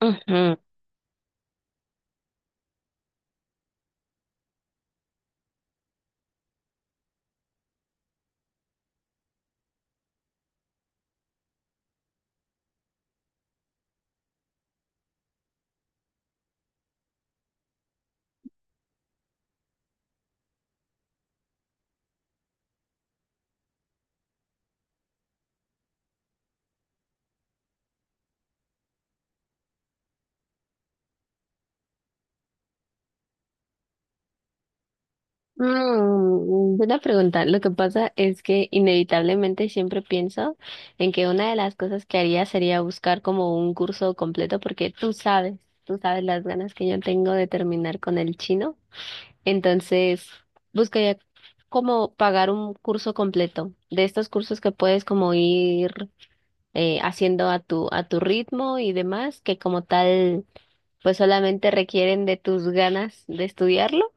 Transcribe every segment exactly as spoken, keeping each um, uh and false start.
Ujú. Mm, buena pregunta. Lo que pasa es que inevitablemente siempre pienso en que una de las cosas que haría sería buscar como un curso completo porque tú sabes, tú sabes las ganas que yo tengo de terminar con el chino. Entonces, buscaría como pagar un curso completo de estos cursos que puedes como ir eh, haciendo a tu a tu ritmo y demás, que como tal pues solamente requieren de tus ganas de estudiarlo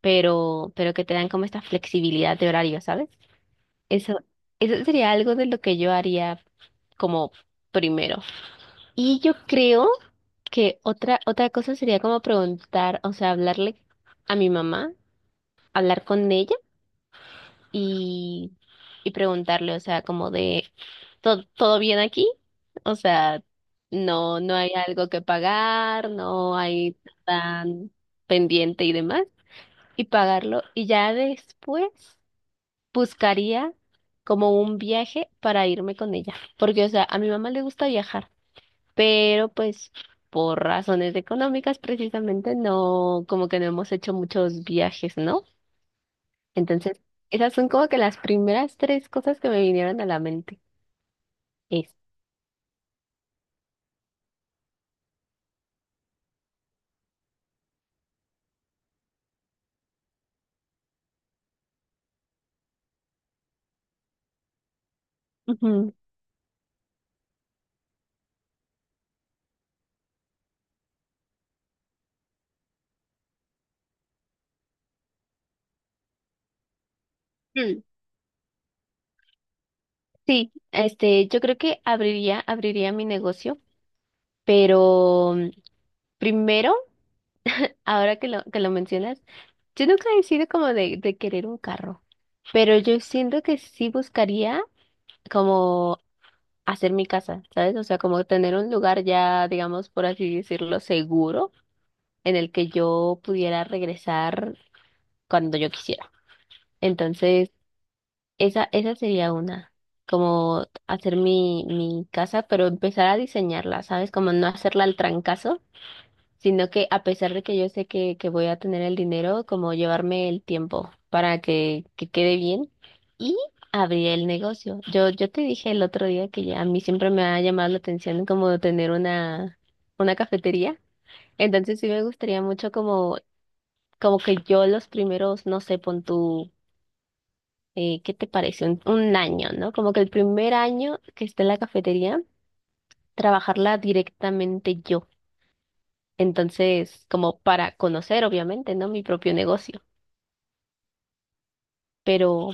pero, pero que te dan como esta flexibilidad de horario, ¿sabes? Eso, eso sería algo de lo que yo haría como primero. Y yo creo que otra, otra cosa sería como preguntar, o sea, hablarle a mi mamá, hablar con ella y, y preguntarle, o sea, como de, ¿todo, todo bien aquí? O sea, no, no hay algo que pagar, no hay tan pendiente y demás, y pagarlo. Y ya después buscaría como un viaje para irme con ella, porque, o sea, a mi mamá le gusta viajar, pero pues por razones económicas precisamente no, como que no hemos hecho muchos viajes, ¿no? Entonces, esas son como que las primeras tres cosas que me vinieron a la mente. Es. Ujú. Mm, Sí, este, yo creo que abriría, abriría mi negocio, pero mm, primero, ahora que lo, que lo mencionas, yo nunca he sido como de, de querer un carro. Pero yo siento que sí buscaría como hacer mi casa, ¿sabes? O sea, como tener un lugar ya, digamos, por así decirlo, seguro en el que yo pudiera regresar cuando yo quisiera. Entonces, esa, esa sería una, como hacer mi, mi casa, pero empezar a diseñarla, ¿sabes? Como no hacerla al trancazo, sino que a pesar de que yo sé que, que voy a tener el dinero, como llevarme el tiempo para que, que quede bien y abrir el negocio. Yo, yo te dije el otro día que ya a mí siempre me ha llamado la atención como tener una, una cafetería. Entonces sí me gustaría mucho como, como que yo los primeros, no sé, pon tú, eh, ¿qué te parece? Un, un año, ¿no? Como que el primer año que esté en la cafetería, trabajarla directamente yo. Entonces, como para conocer, obviamente, ¿no? Mi propio negocio. Pero,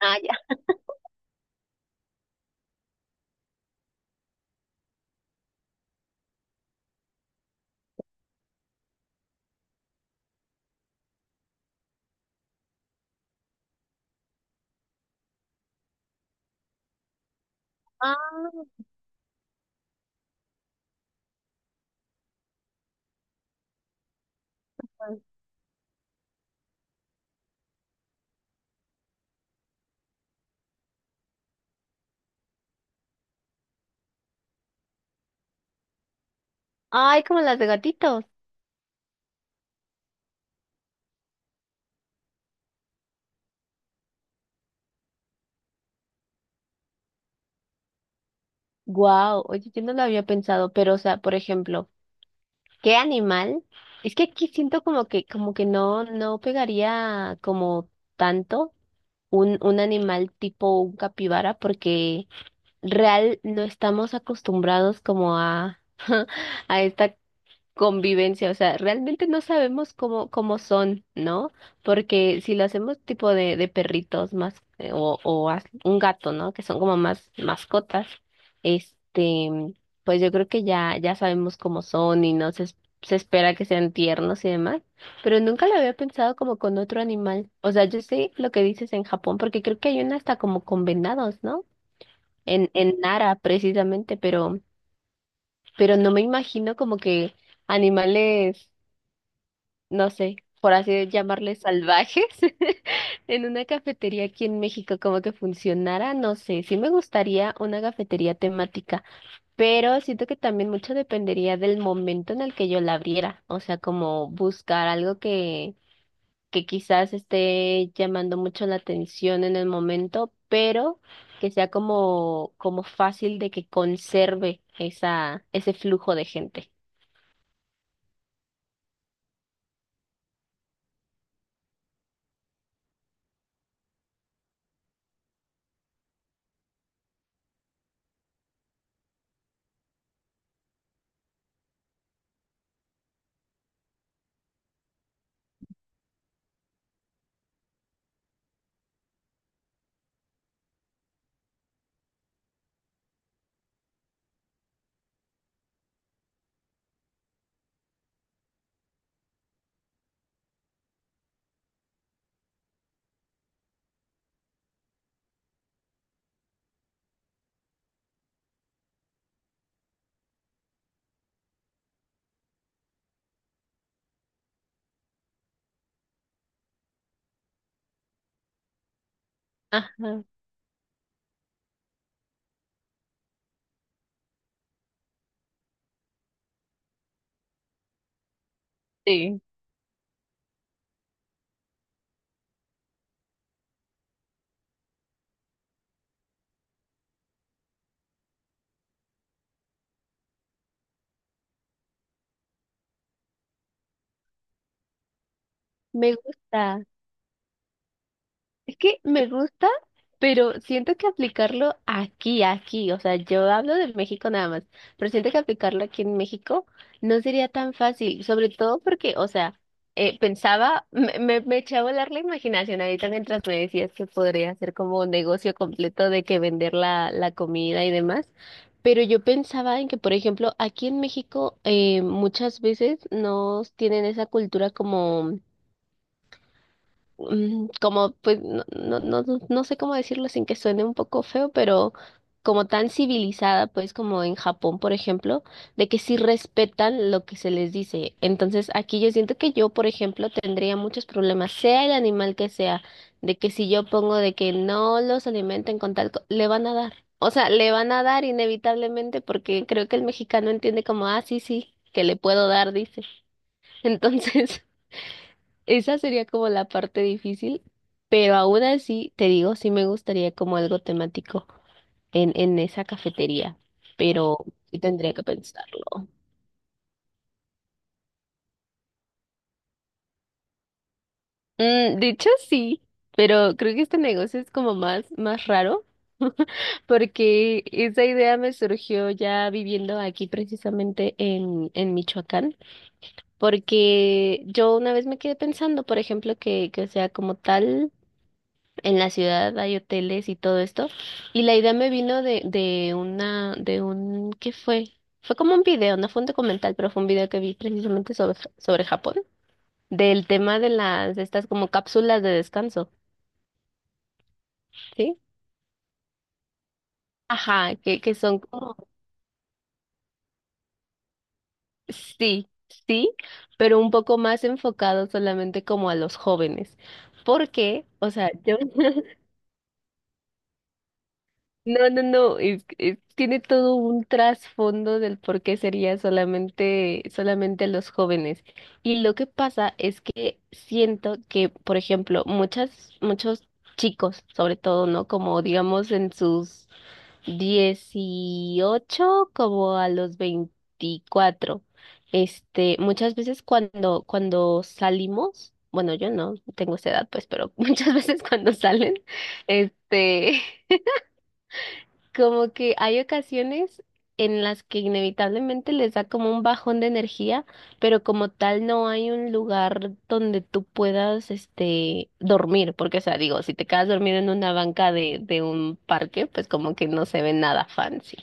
ah, ya. Ah, ay, como las de gatitos. Wow, oye, yo no lo había pensado, pero, o sea, por ejemplo, ¿qué animal? Es que aquí siento como que, como que no, no pegaría como tanto un, un animal tipo un capibara, porque real no estamos acostumbrados como a, a esta convivencia, o sea, realmente no sabemos cómo, cómo son, ¿no? Porque si lo hacemos tipo de, de perritos más, eh, o, o as- un gato, ¿no? Que son como más mascotas, este, pues yo creo que ya, ya sabemos cómo son y no se, es- se espera que sean tiernos y demás, pero nunca lo había pensado como con otro animal. O sea, yo sé lo que dices en Japón, porque creo que hay una hasta como con venados, ¿no? En, en Nara, precisamente, pero, pero no me imagino como que animales no sé, por así llamarles salvajes en una cafetería aquí en México, como que funcionara, no sé, sí me gustaría una cafetería temática, pero siento que también mucho dependería del momento en el que yo la abriera, o sea, como buscar algo que, que quizás esté llamando mucho la atención en el momento, pero que sea como, como fácil de que conserve esa, ese flujo de gente. Ajá, sí. Me gusta. Es que me gusta, pero siento que aplicarlo aquí, aquí, o sea, yo hablo de México nada más, pero siento que aplicarlo aquí en México no sería tan fácil, sobre todo porque, o sea, eh, pensaba, me, me, me eché a volar la imaginación ahorita mientras me decías que podría hacer como un negocio completo de que vender la, la comida y demás. Pero yo pensaba en que, por ejemplo, aquí en México eh, muchas veces no tienen esa cultura como mm, como, pues, no, no, no, no no sé cómo decirlo sin que suene un poco feo, pero como tan civilizada, pues, como en Japón, por ejemplo, de que sí respetan lo que se les dice. Entonces, aquí yo siento que yo, por ejemplo, tendría muchos problemas, sea el animal que sea, de que si yo pongo de que no los alimenten con tal, co- le van a dar. O sea, le van a dar inevitablemente porque creo que el mexicano entiende como, ah, sí, sí, que le puedo dar, dice. Entonces... Esa sería como la parte difícil, pero aún así, te digo, sí me gustaría como algo temático en, en esa cafetería, pero sí tendría que pensarlo. Mm, de hecho, sí, pero creo que este negocio es como más, más raro, porque esa idea me surgió ya viviendo aquí precisamente en, en Michoacán, porque yo una vez me quedé pensando, por ejemplo, que, que o sea como tal. en la ciudad hay hoteles y todo esto. Y la idea me vino de, de una, de un, ¿qué fue? Fue como un video, no fue un documental, pero fue un video que vi precisamente sobre, sobre Japón, del tema de las, de estas como cápsulas de descanso, ¿sí? Ajá, que, que son como, sí, sí, pero un poco más enfocado solamente como a los jóvenes. Porque, o sea, yo, No, no, no, es- es- tiene todo un trasfondo del por qué sería solamente, solamente los jóvenes. Y lo que pasa es que siento que, por ejemplo, muchas, muchos chicos, sobre todo, ¿no? Como digamos en sus dieciocho, como a los veinticuatro. este, muchas veces cuando, cuando salimos, bueno, yo no tengo esa edad, pues, pero muchas veces cuando salen, este... Como que hay ocasiones en las que inevitablemente les da como un bajón de energía, pero como tal no hay un lugar donde tú puedas, este, dormir, porque, o sea, digo, si te quedas dormido en una banca de, de un parque, pues como que no se ve nada fancy.